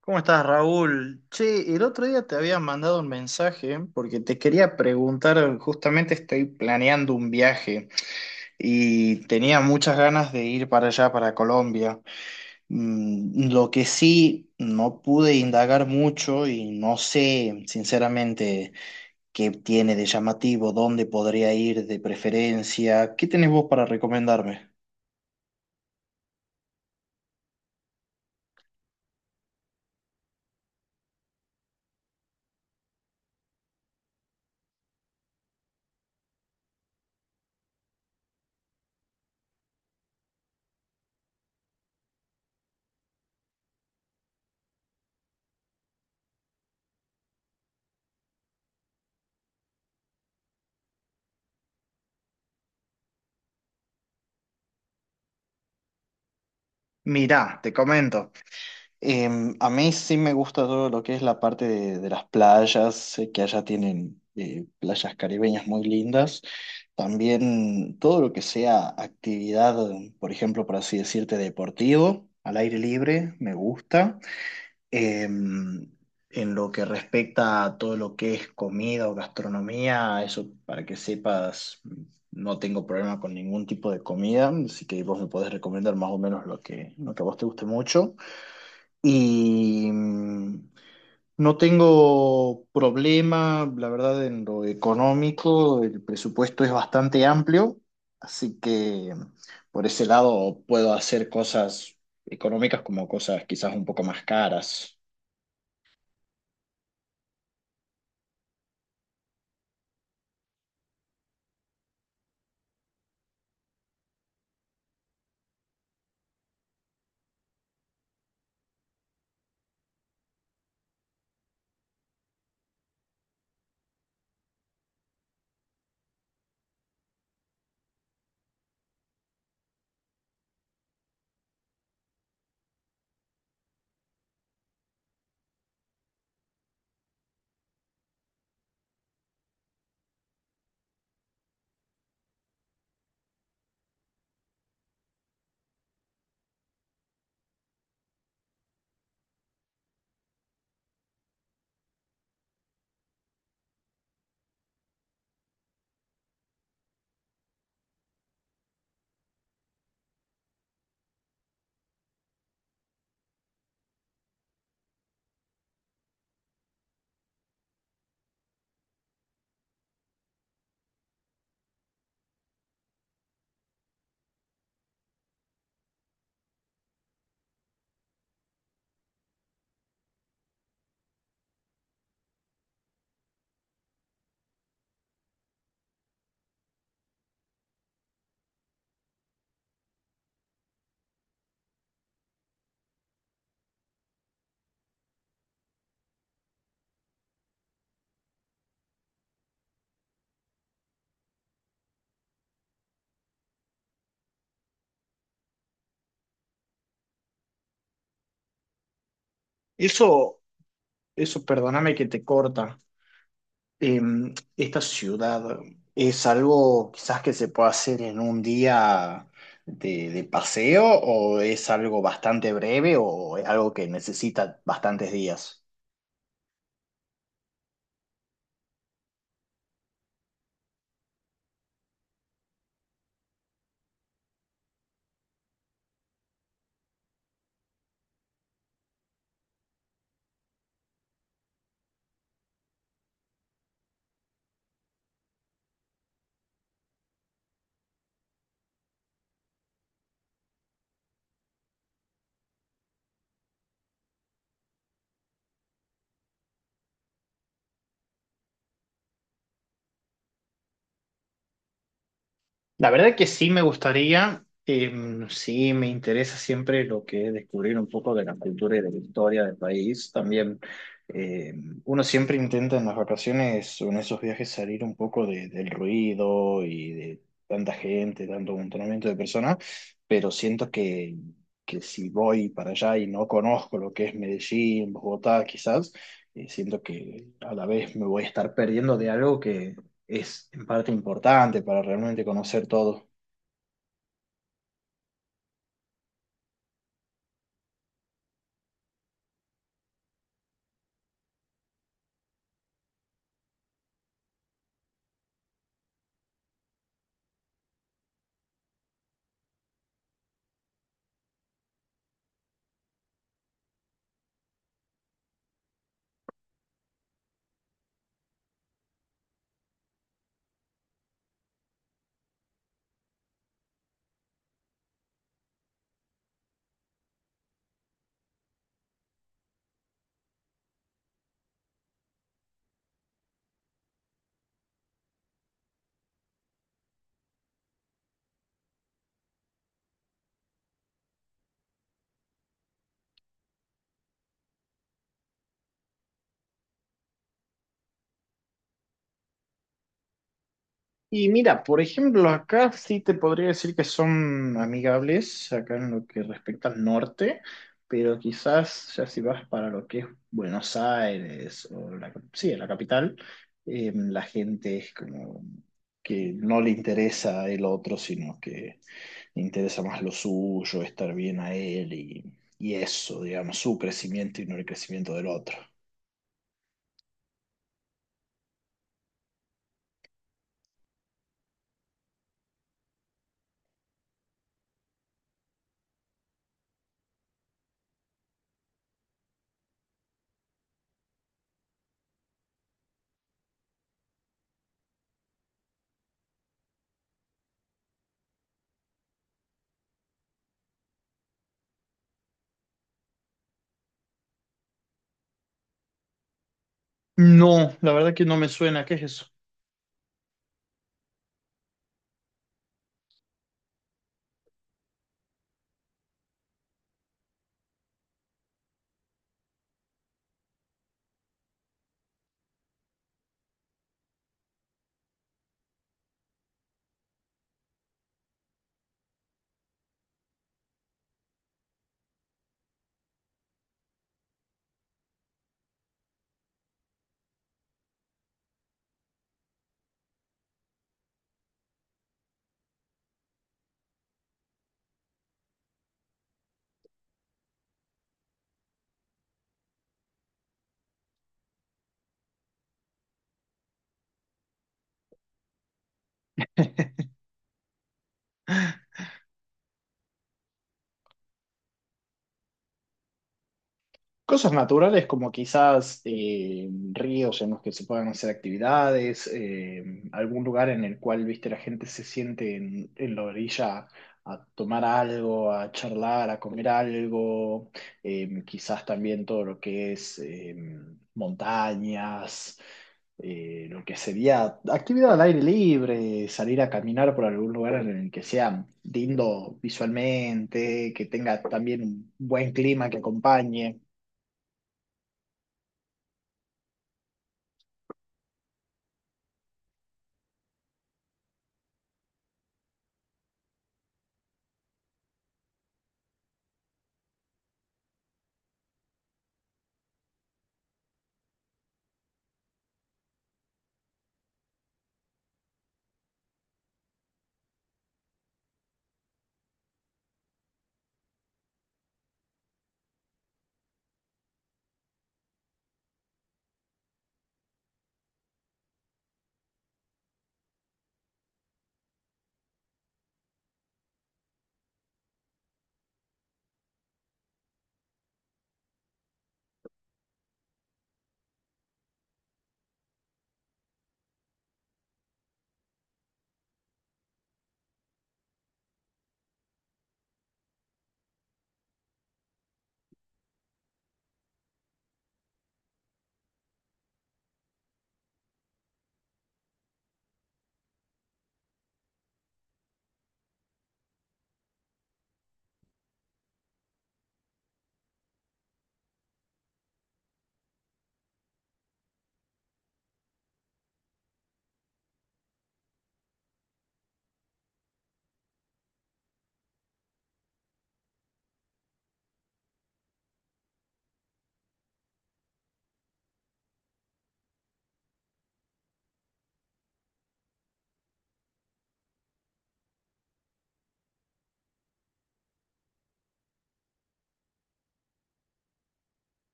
¿Cómo estás, Raúl? Che, el otro día te había mandado un mensaje porque te quería preguntar, justamente estoy planeando un viaje y tenía muchas ganas de ir para allá, para Colombia. Mm, lo que sí, no pude indagar mucho y no sé, sinceramente, qué tiene de llamativo, dónde podría ir de preferencia. ¿Qué tenés vos para recomendarme? Mirá, te comento. A mí sí me gusta todo lo que es la parte de las playas, sé que allá tienen playas caribeñas muy lindas. También todo lo que sea actividad, por ejemplo, por así decirte, deportivo, al aire libre, me gusta. Em, en lo que respecta a todo lo que es comida o gastronomía, eso para que sepas, no tengo problema con ningún tipo de comida, así que vos me podés recomendar más o menos lo lo que a vos te guste mucho. Y no tengo problema, la verdad, en lo económico, el presupuesto es bastante amplio, así que por ese lado puedo hacer cosas económicas como cosas quizás un poco más caras. Eso, eso, perdóname que te corta. ¿Esta ciudad es algo quizás que se pueda hacer en un día de paseo, o es algo bastante breve, o es algo que necesita bastantes días? La verdad que sí me gustaría, sí me interesa siempre lo que es descubrir un poco de la cultura y de la historia del país. También uno siempre intenta en las vacaciones o en esos viajes salir un poco de- del ruido y de tanta gente, tanto amontonamiento de personas, pero siento que si voy para allá y no conozco lo que es Medellín, Bogotá, quizás, siento que a la vez me voy a estar perdiendo de algo es en parte importante para realmente conocer todo. Y mira, por ejemplo, acá sí te podría decir que son amigables, acá en lo que respecta al norte, pero quizás ya si vas para lo que es Buenos Aires o sí, la capital, la gente es como que no le interesa el otro, sino que le interesa más lo suyo, estar bien a él y eso, digamos, su crecimiento y no el crecimiento del otro. No, la verdad que no me suena. ¿Qué es eso? Cosas naturales como quizás ríos en los que se puedan hacer actividades, algún lugar en el cual, viste, la gente se siente en la orilla a tomar algo, a charlar, a comer algo, quizás también todo lo que es montañas, lo que sería actividad al aire libre, salir a caminar por algún lugar en el que sea lindo visualmente, que tenga también un buen clima que acompañe.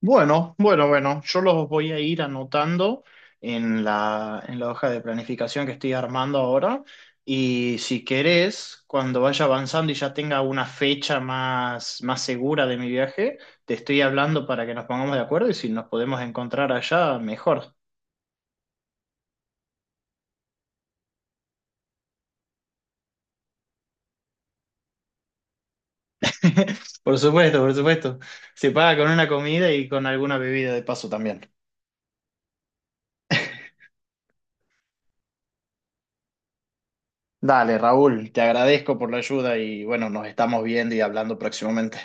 Bueno, bueno, bueno, yo los voy a ir anotando en en la hoja de planificación que estoy armando ahora, y si querés, cuando vaya avanzando y ya tenga una fecha más segura de mi viaje, te estoy hablando para que nos pongamos de acuerdo, y si nos podemos encontrar allá, mejor. Por supuesto, por supuesto. Se paga con una comida y con alguna bebida de paso también. Dale, Raúl, te agradezco por la ayuda y bueno, nos estamos viendo y hablando próximamente.